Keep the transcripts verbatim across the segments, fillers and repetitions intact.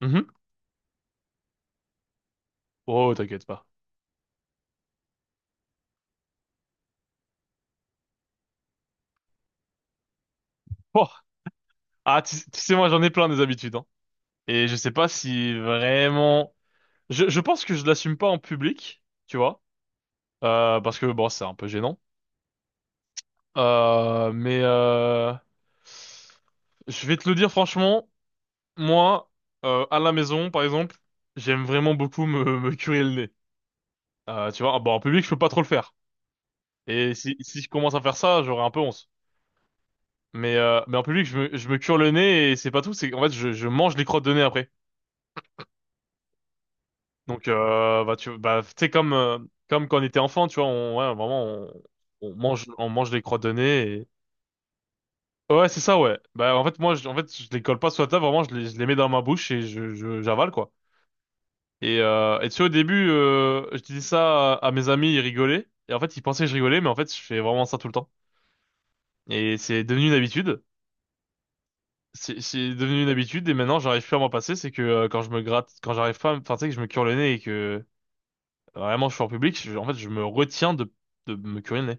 Mhm. Oh, t'inquiète pas. Oh. Ah, tu, tu sais, moi, j'en ai plein des habitudes, hein. Et je sais pas si vraiment. Je, je pense que je l'assume pas en public, tu vois. Euh, parce que, bon, c'est un peu gênant. Euh, mais euh, je vais te le dire franchement, moi, euh, à la maison, par exemple, j'aime vraiment beaucoup me, me curer le nez. Euh, tu vois, ah, bon, en public, je peux pas trop le faire. Et si, si je commence à faire ça, j'aurai un peu honte. Mais, euh, mais en public, je me, je me cure le nez et c'est pas tout, c'est qu'en fait, je, je mange les crottes de nez après. Donc, euh, bah, tu bah, tu sais, comme, euh, comme quand on était enfant, tu vois, on, ouais, vraiment, on, on mange, on mange les crottes de nez. Et. Ouais, c'est ça, ouais. Bah, en fait, moi, je, en fait, je les colle pas sur la table, vraiment, je les, je les mets dans ma bouche et je, je, j'avale, quoi. Et, euh, et tu sais, au début, euh, je disais ça à, à mes amis, ils rigolaient. Et en fait, ils pensaient que je rigolais, mais en fait, je fais vraiment ça tout le temps. Et c'est devenu une habitude. C'est c'est devenu une habitude et maintenant, j'arrive plus à m'en passer. C'est que euh, quand je me gratte, quand j'arrive pas, à me- enfin, tu sais, que je me cure le nez et que vraiment, je suis en public, je- en fait, je me retiens de, de me curer le nez.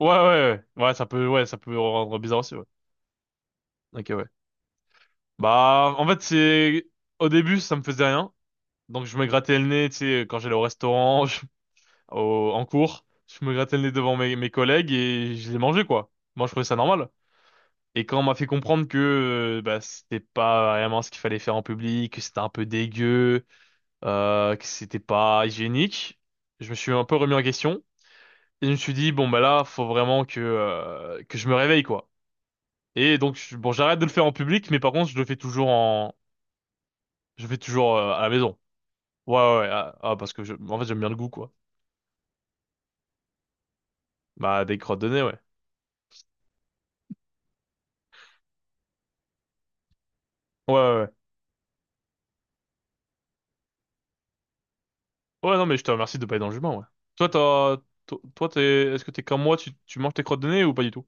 Ouais, ouais, ouais, ouais, ça peut, ouais, ça peut rendre bizarre aussi, ouais. Ok, ouais. Bah, en fait, c'est, au début, ça me faisait rien. Donc, je me grattais le nez, tu sais, quand j'allais au restaurant, je- au- en cours, je me grattais le nez devant mes, mes collègues et je les mangeais, quoi. Moi, je trouvais ça normal. Et quand on m'a fait comprendre que, euh, bah, c'était pas vraiment ce qu'il fallait faire en public, que c'était un peu dégueu, euh, que c'était pas hygiénique, je me suis un peu remis en question. Et je me suis dit, bon, bah là, faut vraiment que, euh, que je me réveille, quoi. Et donc, je- bon, j'arrête de le faire en public, mais par contre, je le fais toujours en, je le fais toujours euh, à la maison. Ouais, ouais, ouais. Ah, ah, parce que je, en fait, j'aime bien le goût, quoi. Bah, des crottes de nez, ouais. Ouais, ouais, ouais. Ouais, non, mais je te remercie de pas être dans le jument, ouais. Toi, t'as, to- toi, t'es, est-ce que t'es comme moi, tu, tu manges tes crottes de nez ou pas du tout?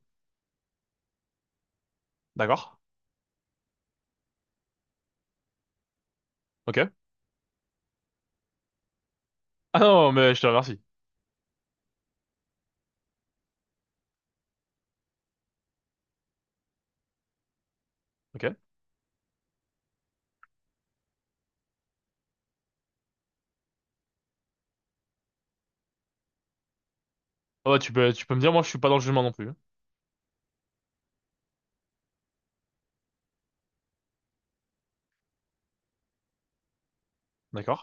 D'accord. Ok. Ah non, mais je te remercie. Ok. Ah ouais, tu peux, tu peux me dire, moi, je suis pas dans le jument non plus, hein. D'accord.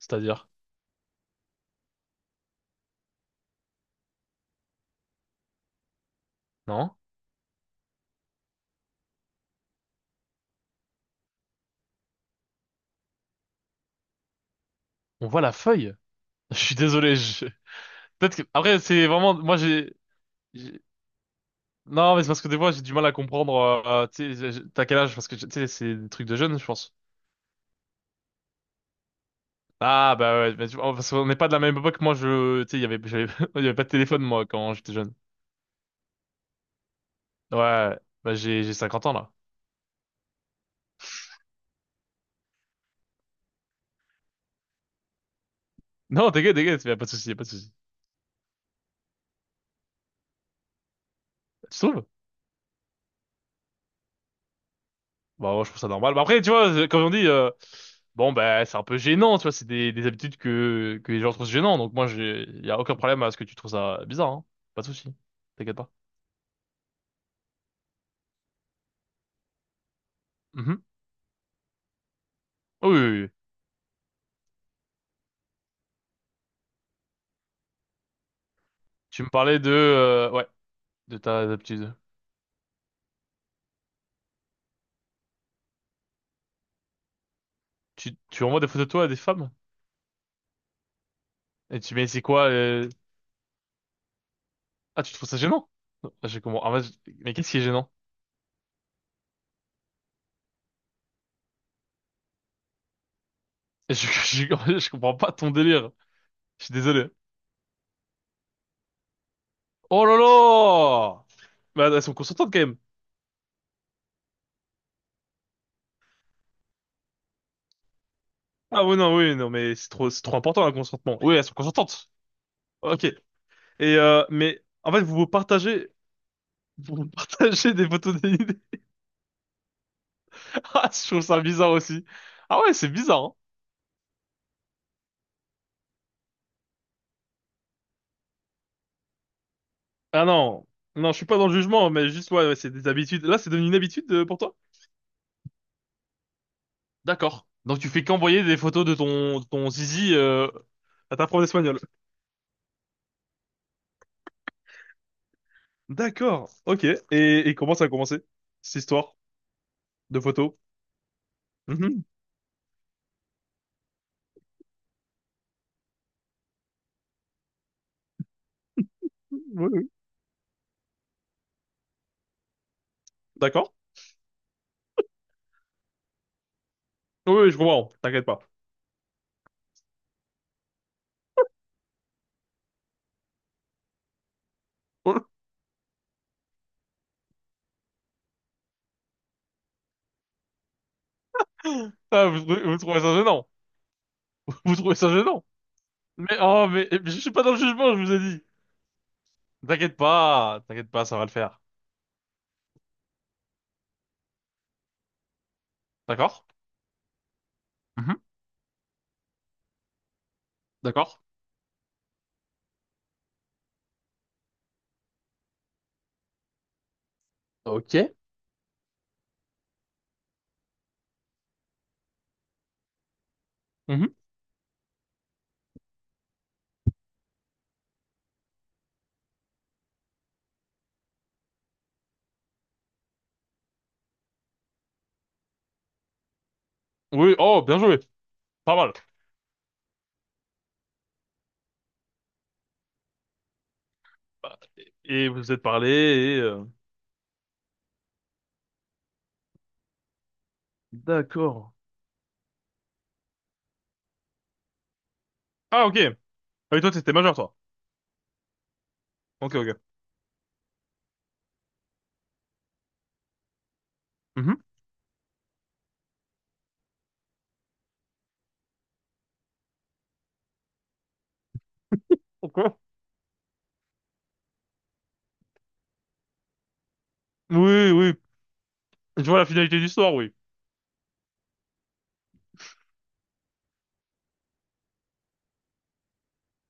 C'est-à-dire, non? On voit la feuille. Je suis désolé, je... Peut-être que, après, c'est vraiment, moi, j'ai, j'ai- Non, mais c'est parce que des fois, j'ai du mal à comprendre. Euh, euh, tu sais, je- t'as quel âge? Parce que tu sais, c'est des trucs de jeunes, je pense. Ah, bah ouais, mais tu- oh, parce qu'on n'est pas de la même époque. Moi, je, tu sais, il y avait, j'avais- il y avait pas de téléphone, moi, quand j'étais jeune. Ouais, bah j'ai, j'ai 50 ans, là. Non, t'inquiète, t'inquiète, y a pas de souci, y a pas de souci. Tu trouves? Bah, moi, je trouve ça normal. Bah, après, tu vois, comme on dit, euh, bon, bah, c'est un peu gênant, tu vois, c'est des, des habitudes que, que les gens trouvent gênant. Donc, moi, j'ai, y a aucun problème à ce que tu trouves ça bizarre, hein. Pas de souci. T'inquiète pas. Mhm. Oui, oui, oui. Tu me parlais de, euh, ouais. De ta aptitude? Tu, tu envoies des photos de toi à des femmes? Et tu, mais c'est quoi, euh. Ah, tu trouves ça gênant? Je comprends. Ah, moi, je- mais qu'est-ce qui est gênant? Je, je, je je comprends pas ton délire. Je suis désolé. Oh là là! Bah elles sont consentantes quand même. Ah oui, non, oui, non, mais c'est trop, c'est trop important, le consentement. Oui, elles sont consentantes. Ok. Et, euh, mais, en fait, vous vous partagez, vous vous partagez des photos dénudées. Ah, je trouve ça bizarre aussi. Ah ouais, c'est bizarre, hein. Ah non. Non, je suis pas dans le jugement, mais juste, ouais, ouais, c'est des habitudes. Là, c'est devenu une habitude euh, pour toi? D'accord. Donc tu fais qu'envoyer des photos de ton, de ton zizi euh, à ta prof d'espagnol. D'accord. Ok. Et, et comment ça a commencé? Cette histoire de photos? Mhm. Oui, oui. D'accord. Oui, oui, je comprends. T'inquiète pas. Ah, vous, trouvez vous trouvez ça gênant? Vous trouvez ça gênant? Mais oh, mais mais je suis pas dans le jugement, je vous ai dit. T'inquiète pas, t'inquiète pas, ça va le faire. D'accord? Mhm. D'accord. Ok. Mhm. Oui, oh, bien joué. Pas mal. Bah, Et et vous vous êtes parlé et... euh, D'accord. Ah, ok. Ah oui, toi, t'étais majeur, toi. Ok, ok. Mhm. Ok. Oui, oui. Je vois la finalité de l'histoire, oui.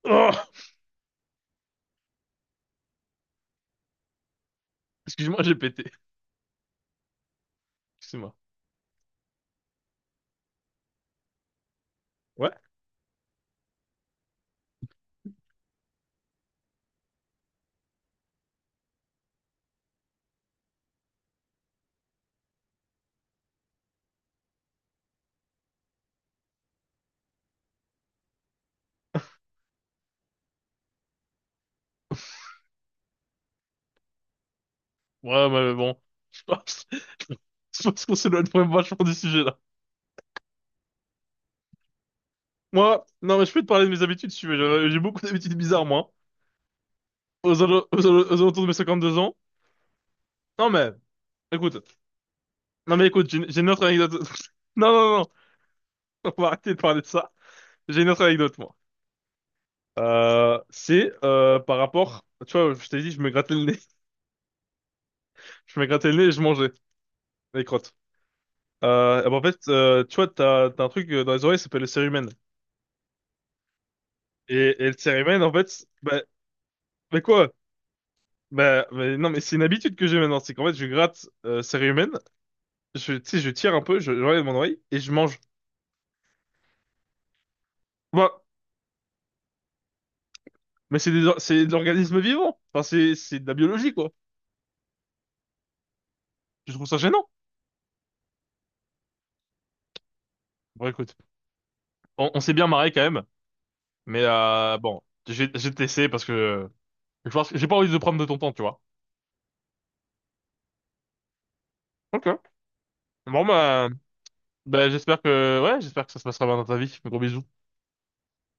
Oh excuse-moi, j'ai pété. Excuse-moi. Ouais. Ouais, mais bon. Je pense, je pense qu'on s'éloigne vraiment vachement du sujet, là. Moi, non, mais je peux te parler de mes habitudes, si tu veux. J'ai j'ai beaucoup d'habitudes bizarres, moi. Aux, alo- aux, alo- aux alentours de mes 52 ans. Non, mais, écoute. Non, mais écoute, j'ai j'ai une autre anecdote. Non, non, non. On va arrêter de parler de ça. J'ai une autre anecdote, moi. Euh, c'est euh, par rapport. Tu vois, je t'ai dit, je me grattais le nez. Je me grattais le nez et je mangeais. Les crottes. Euh, bah, en fait, euh, tu vois, t'as, t'as un truc euh, dans les oreilles, ça s'appelle le cérumen. Et, et le cérumen, en fait, bah, mais quoi? Bah, mais non, mais c'est une habitude que j'ai maintenant, c'est qu'en fait, je gratte euh, cérumen, je, tu sais, je tire un peu, je, je regarde mon oreille, et je mange. Bah, mais c'est des, or- c'est de l'organisme vivant. Enfin, c'est, c'est de la biologie, quoi. Je trouve ça gênant. Bon, écoute, on, on s'est bien marré quand même, mais euh, bon, j'ai, j'ai testé parce que je pense que j'ai pas envie de prendre de ton temps, tu vois. Ok. Bon, bah, bah j'espère que, ouais, j'espère que ça se passera bien dans ta vie. Gros bisous.